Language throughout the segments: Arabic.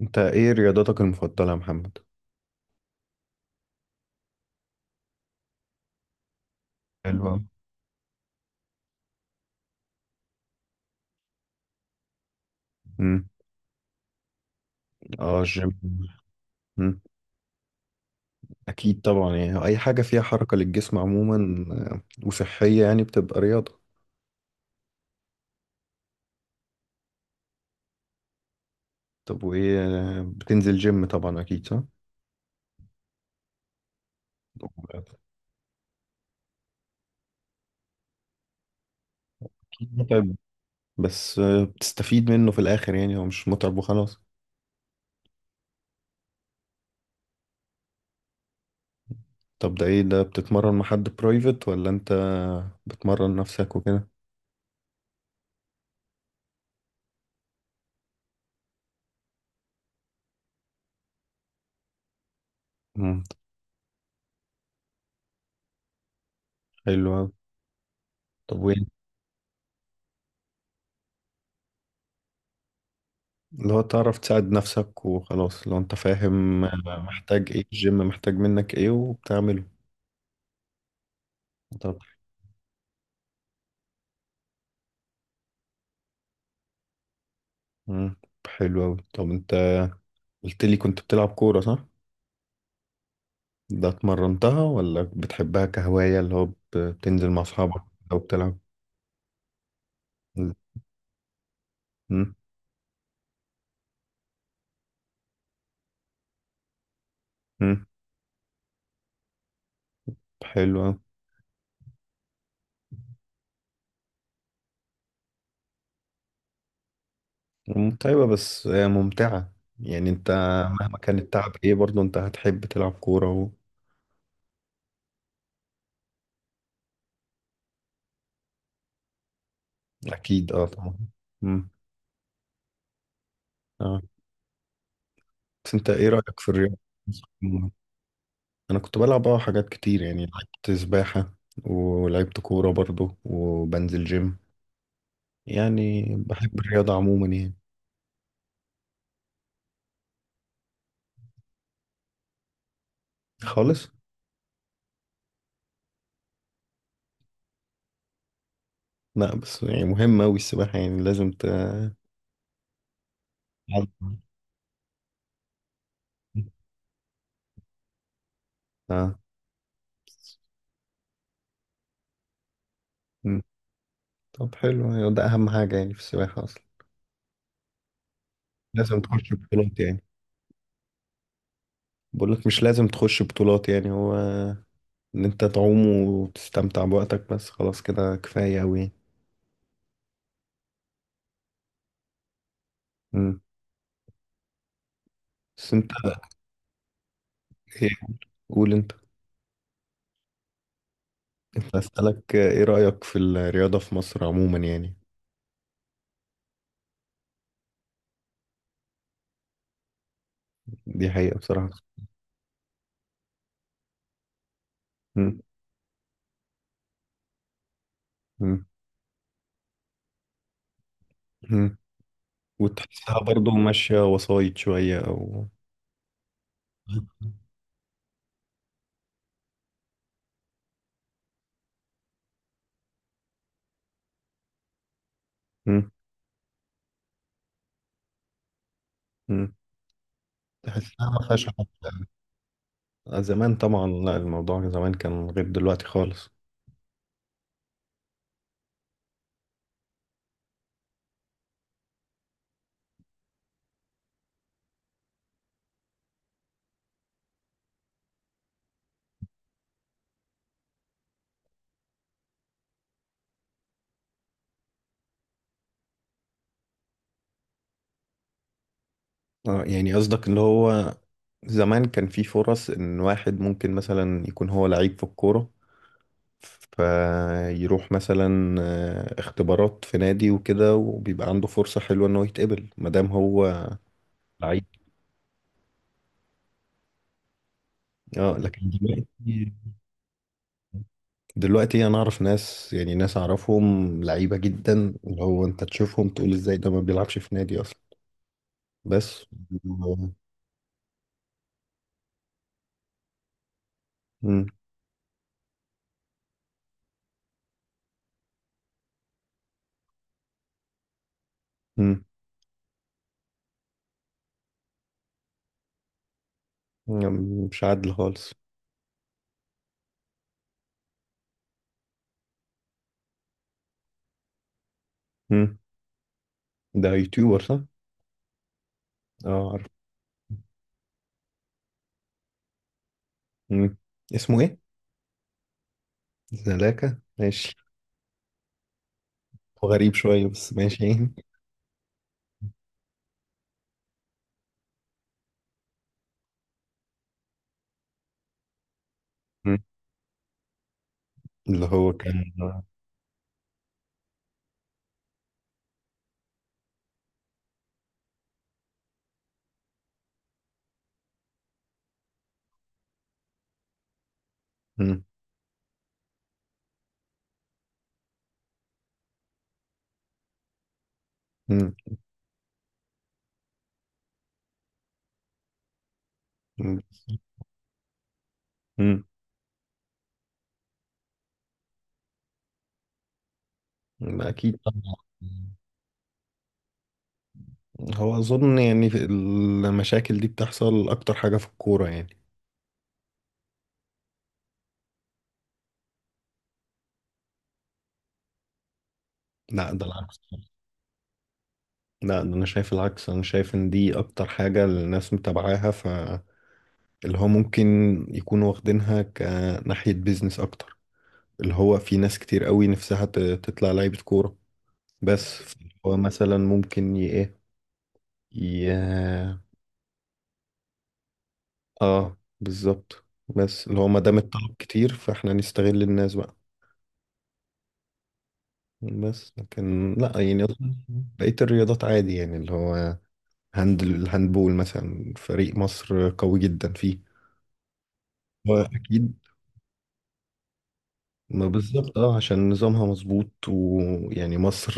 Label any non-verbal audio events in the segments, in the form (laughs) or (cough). انت ايه رياضتك المفضلة يا محمد؟ حلو أوي. امم. اه، الجيم. مم. اكيد طبعا، يعني اي حاجة فيها حركة للجسم عموما، آه، وصحية يعني بتبقى رياضة. طب وايه بتنزل جيم طبعا اكيد صح؟ اكيد متعب، بس بتستفيد منه في الاخر، يعني هو مش متعب وخلاص. طب ده ايه، ده بتتمرن مع حد برايفت ولا انت بتمرن نفسك وكده؟ مم. حلو أوي. طب، اللي هو تعرف تساعد نفسك وخلاص لو انت فاهم محتاج ايه، الجيم محتاج منك ايه وبتعمله. طب. مم. حلو اوي. طب انت قلت لي كنت بتلعب كورة صح؟ ده اتمرنتها ولا بتحبها كهواية، اللي هو بتنزل مع اصحابك لو بتلعب. مم. مم. حلو اوي. متعبة بس ممتعة، يعني انت مهما كان التعب ايه برضه انت هتحب تلعب كورة و... اكيد اه طبعا. مم. اه، بس انت ايه رأيك في الرياضة؟ انا كنت بلعب حاجات كتير، يعني لعبت سباحة ولعبت كورة برضو وبنزل جيم، يعني بحب الرياضة عموما يعني. خالص. لا، بس يعني مهمة أوي السباحة، يعني لازم اه. مم. طب حلو، يعني ده أهم حاجة يعني في السباحة أصلا. لازم تخش بطولات يعني. بقول لك مش لازم تخش بطولات، يعني هو إن أنت تعوم وتستمتع بوقتك بس خلاص كده كفاية أوي يعني. مم. بس أنت إيه؟ قول أنت. كنت أسألك إيه رأيك في الرياضة في مصر عموما يعني. دي حقيقة بصراحة. مم. مم. مم. وتحسها برضو ماشية وسايط شوية أو... مم. مم. تحسها ما فيهاش حاجة. زمان طبعا لا، الموضوع زمان كان غير دلوقتي خالص. آه، يعني قصدك اللي هو زمان كان في فرص إن واحد ممكن مثلا يكون هو لعيب في الكورة، فيروح مثلا اختبارات في نادي وكده، وبيبقى عنده فرصة حلوة إنه يتقبل مادام هو لعيب. اه، لكن دلوقتي انا اعرف ناس، يعني ناس اعرفهم لعيبه جدا، اللي هو انت تشوفهم تقول ازاي ده ما بيلعبش في نادي اصلا. بس. (laughs) مم. مم. يعني مش عادل خالص. مم. ده يوتيوبر صح؟ اه عارف. مم. اسمه ايه؟ زلاكا ماشي. هو غريب شويه بس ماشي (laughs) يعني. مم. اللي هو كان. مم. مم. مم. مم. اكيد طبعا. هو اظن يعني في المشاكل دي بتحصل اكتر حاجه في الكوره يعني. لا ده العكس. لا ده انا شايف العكس، انا شايف ان دي اكتر حاجة الناس متابعاها، فاللي هو ممكن يكونوا واخدينها كناحية بيزنس اكتر، اللي هو في ناس كتير قوي نفسها تطلع لعيبة كورة. بس هو مثلا ممكن ي... اه بالظبط. بس اللي هو ما دام الطلب كتير فاحنا نستغل الناس بقى. بس لكن لا، يعني أظن بقية الرياضات عادي، يعني اللي هو الهاندبول مثلا فريق مصر قوي جدا فيه. أكيد. ما بالظبط عشان نظامها مظبوط، ويعني مصر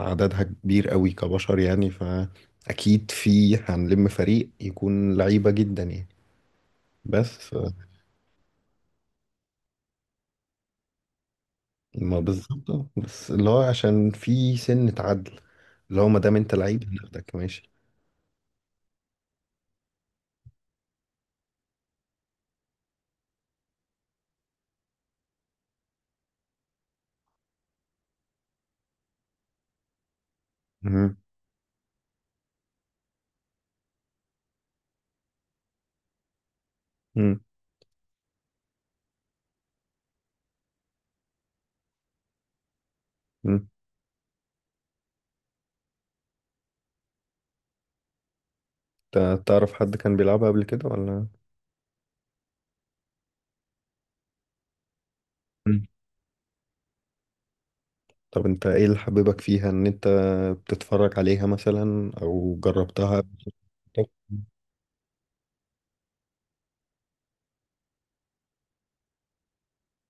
عددها كبير قوي كبشر، يعني فأكيد في هنلم فريق يكون لعيبة جدا يعني. بس ما بالظبط آه. بس اللي هو عشان في سنة عدل، اللي هو ما دام انت لعيب هناخدك ماشي. مهم. مم. مم. تعرف حد كان بيلعبها قبل كده ولا... مم. طب انت ايه اللي حببك فيها ان انت بتتفرج عليها مثلا او جربتها.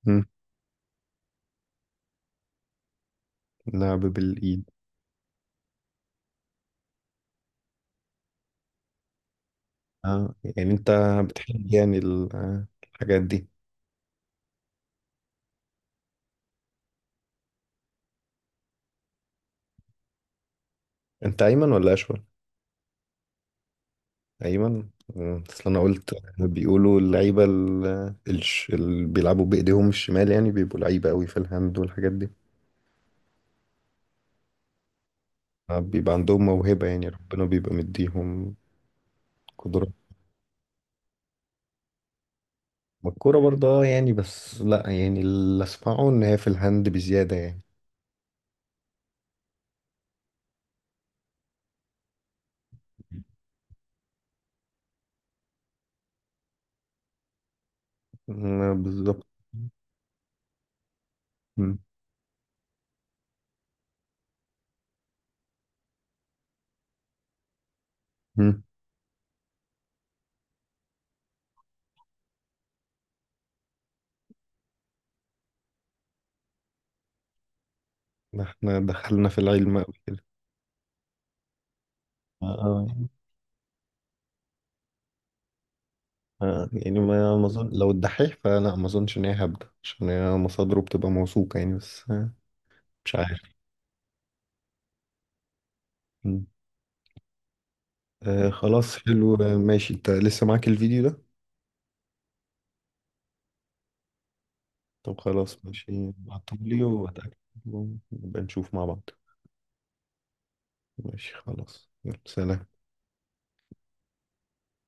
مم. لعب بالإيد. اه يعني انت بتحب يعني الحاجات دي. انت ايمن ولا اشول؟ ايمن. آه، اصل انا قلت بيقولوا اللعيبه اللي بيلعبوا بايديهم الشمال يعني بيبقوا لعيبه قوي في الهاند والحاجات دي. آه، بيبقى عندهم موهبه، يعني ربنا بيبقى مديهم قدره. ما الكوره برضه يعني بس لا، يعني اللي اسمعه ان هي في الهاند بزياده يعني. آه، بالظبط. م- م. احنا دخلنا في العلم قوي كده. اه يعني ما اظن لو الدحيح فلا، ما اظنش ان هي هبدة عشان هي مصادره بتبقى موثوقة يعني، بس مش عارف. مم. آه خلاص حلو، ماشي انت لسه معاك الفيديو ده. طب خلاص ماشي بعتهولي واتأكد ونبقى نشوف مع بعض. ماشي خلاص يلا سلام.